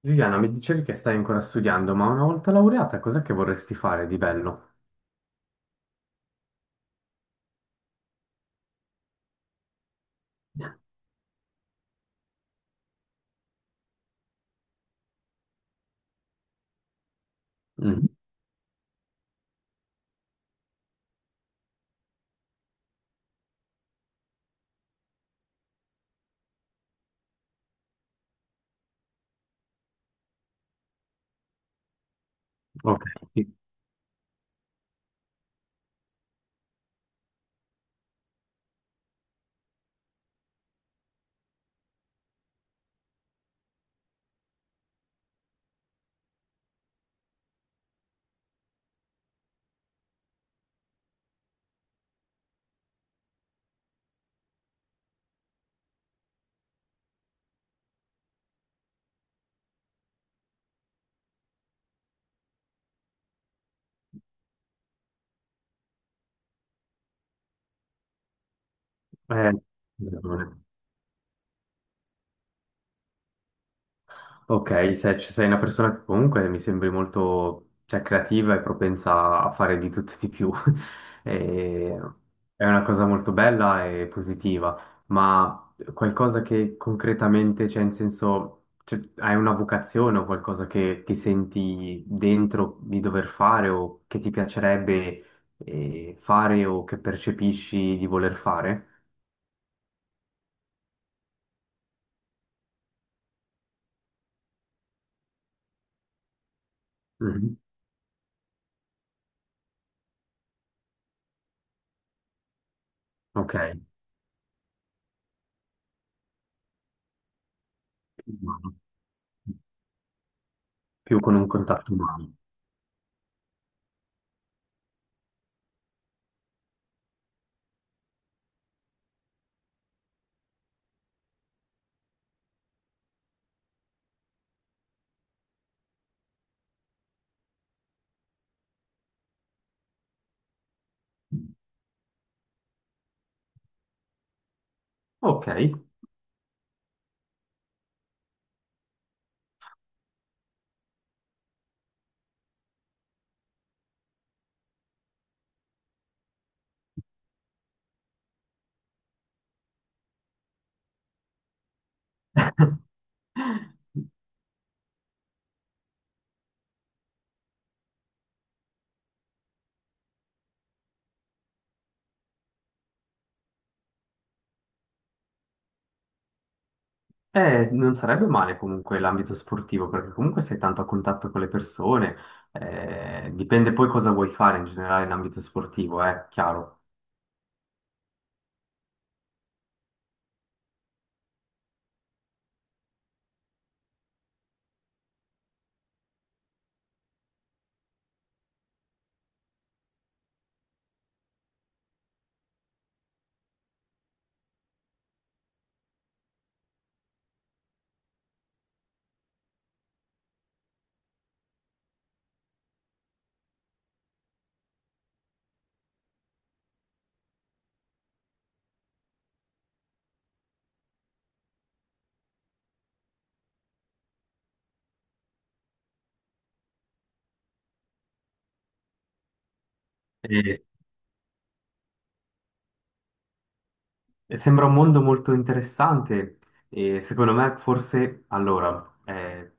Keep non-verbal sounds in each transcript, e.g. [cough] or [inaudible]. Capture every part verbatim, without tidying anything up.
Viviana, mi dicevi che stai ancora studiando, ma una volta laureata, cos'è che vorresti fare di bello? Mm, ok, sì. Eh, Ok, se ci sei una persona che comunque mi sembri molto, cioè, creativa e propensa a fare di tutto e di più, [laughs] E- è una cosa molto bella e positiva, ma qualcosa che concretamente, cioè in senso, cioè, hai una vocazione o qualcosa che ti senti dentro di dover fare o che ti piacerebbe eh, fare o che percepisci di voler fare? Mhm. Ok, più con un contatto umano. Ok. [laughs] Eh, non sarebbe male comunque l'ambito sportivo, perché comunque sei tanto a contatto con le persone, eh, dipende poi cosa vuoi fare in generale in ambito sportivo, è chiaro. E- e sembra un mondo molto interessante e secondo me forse allora, eh,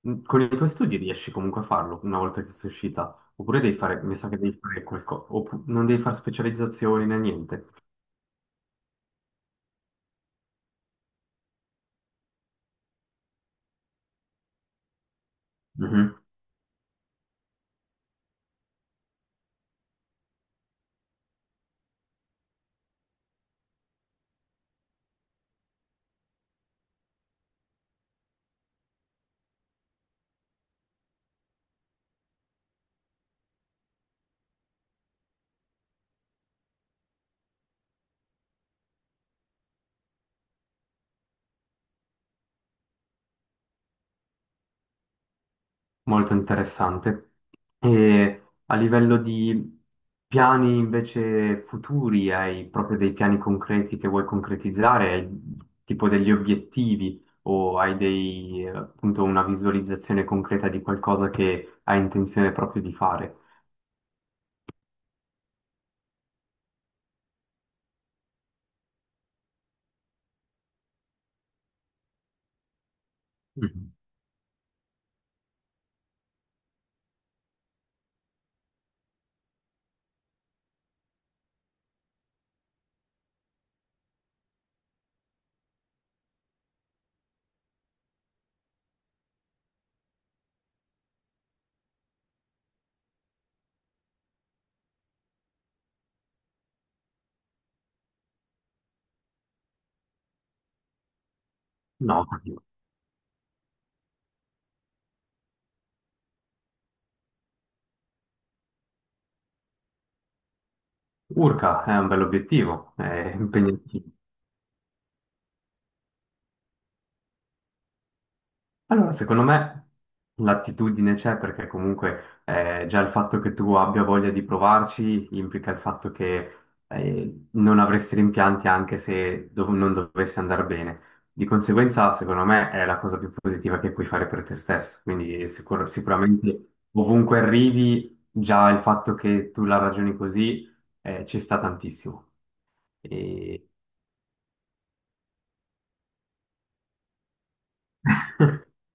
mh, con i tuoi studi riesci comunque a farlo una volta che sei uscita, oppure devi fare, mi sa che devi fare qualcosa, non devi fare specializzazioni né niente. Molto interessante. E a livello di piani invece futuri, hai proprio dei piani concreti che vuoi concretizzare? Hai tipo degli obiettivi o hai dei, eh, appunto una visualizzazione concreta di qualcosa che hai intenzione proprio di fare? Mhm. No, capito. Urca è un bell'obiettivo, è impegnativo. Allora, secondo me l'attitudine c'è perché comunque eh, già il fatto che tu abbia voglia di provarci implica il fatto che eh, non avresti rimpianti anche se dov- non dovesse andare bene. Di conseguenza, secondo me, è la cosa più positiva che puoi fare per te stesso. Quindi sicur- sicuramente ovunque arrivi, già il fatto che tu la ragioni così eh, ci sta tantissimo. E... [laughs]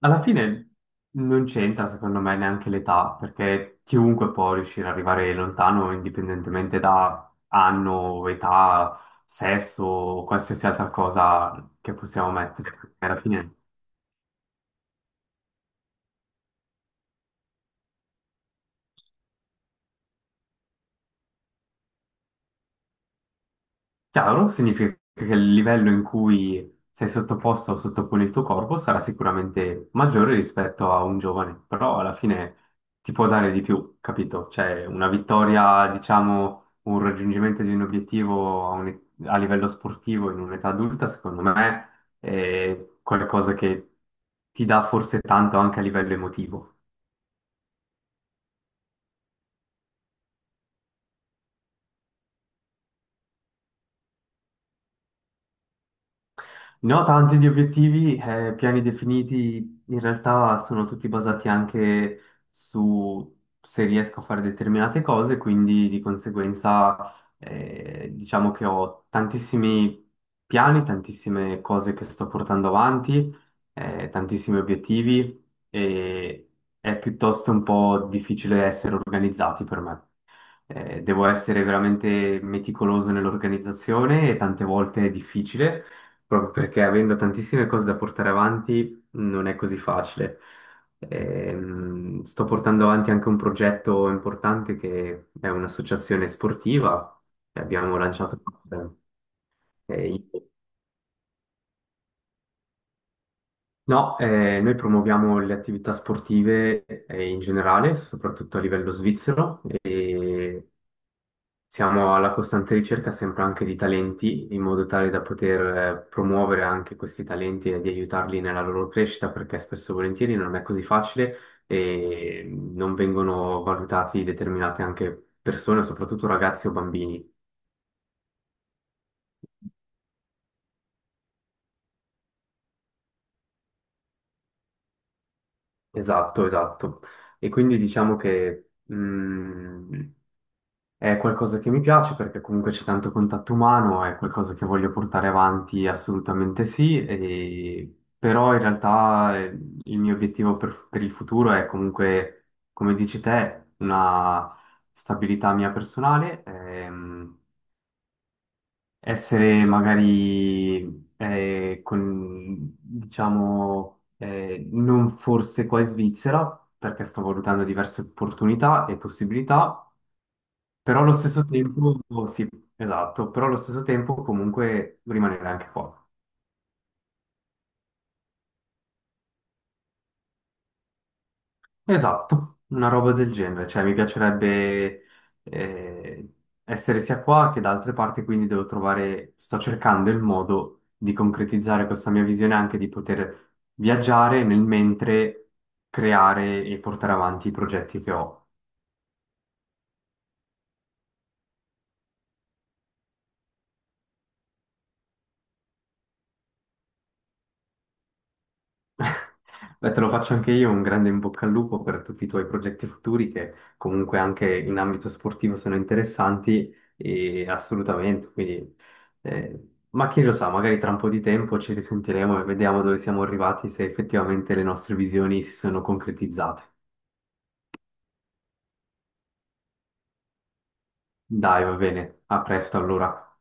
Alla fine non c'entra secondo me neanche l'età, perché chiunque può riuscire ad arrivare lontano indipendentemente da anno, età, sesso o qualsiasi altra cosa che possiamo mettere. Alla fine. Chiaro, significa che il livello in cui sei sottoposto o sottopone il tuo corpo sarà sicuramente maggiore rispetto a un giovane, però alla fine ti può dare di più, capito? Cioè una vittoria, diciamo, un raggiungimento di un obiettivo a, un- a livello sportivo in un'età adulta, secondo me, è qualcosa che ti dà forse tanto anche a livello emotivo. No, tanti di obiettivi, eh, piani definiti, in realtà sono tutti basati anche su se riesco a fare determinate cose, quindi di conseguenza eh, diciamo che ho tantissimi piani, tantissime cose che sto portando avanti, eh, tantissimi obiettivi e è piuttosto un po' difficile essere organizzati per me. Eh, devo essere veramente meticoloso nell'organizzazione e tante volte è difficile, proprio perché avendo tantissime cose da portare avanti non è così facile. Ehm, sto portando avanti anche un progetto importante che è un'associazione sportiva che abbiamo lanciato. eh, in- No, eh, noi promuoviamo le attività sportive eh, in generale, soprattutto a livello svizzero. E siamo alla costante ricerca sempre anche di talenti, in modo tale da poter eh, promuovere anche questi talenti e di aiutarli nella loro crescita, perché spesso e volentieri non è così facile e non vengono valutati determinate anche persone, soprattutto ragazzi o bambini. Esatto, esatto. E quindi diciamo che mh, è qualcosa che mi piace perché comunque c'è tanto contatto umano, è qualcosa che voglio portare avanti assolutamente sì, e- però in realtà eh, il mio obiettivo per, per il futuro è comunque, come dici te, una stabilità mia personale, ehm, essere magari eh, con, diciamo, eh, non forse qua in Svizzera, perché sto valutando diverse opportunità e possibilità però allo stesso tempo, sì, esatto, però allo stesso tempo comunque rimanere anche qua. Esatto, una roba del genere, cioè mi piacerebbe eh, essere sia qua che da altre parti, quindi devo trovare, sto cercando il modo di concretizzare questa mia visione anche di poter viaggiare nel mentre creare e portare avanti i progetti che ho. Beh, te lo faccio anche io, un grande in bocca al lupo per tutti i tuoi progetti futuri che comunque anche in ambito sportivo sono interessanti e assolutamente, quindi eh, ma chi lo sa, magari tra un po' di tempo ci risentiremo e vediamo dove siamo arrivati, se effettivamente le nostre visioni si sono concretizzate. Dai, va bene, a presto allora.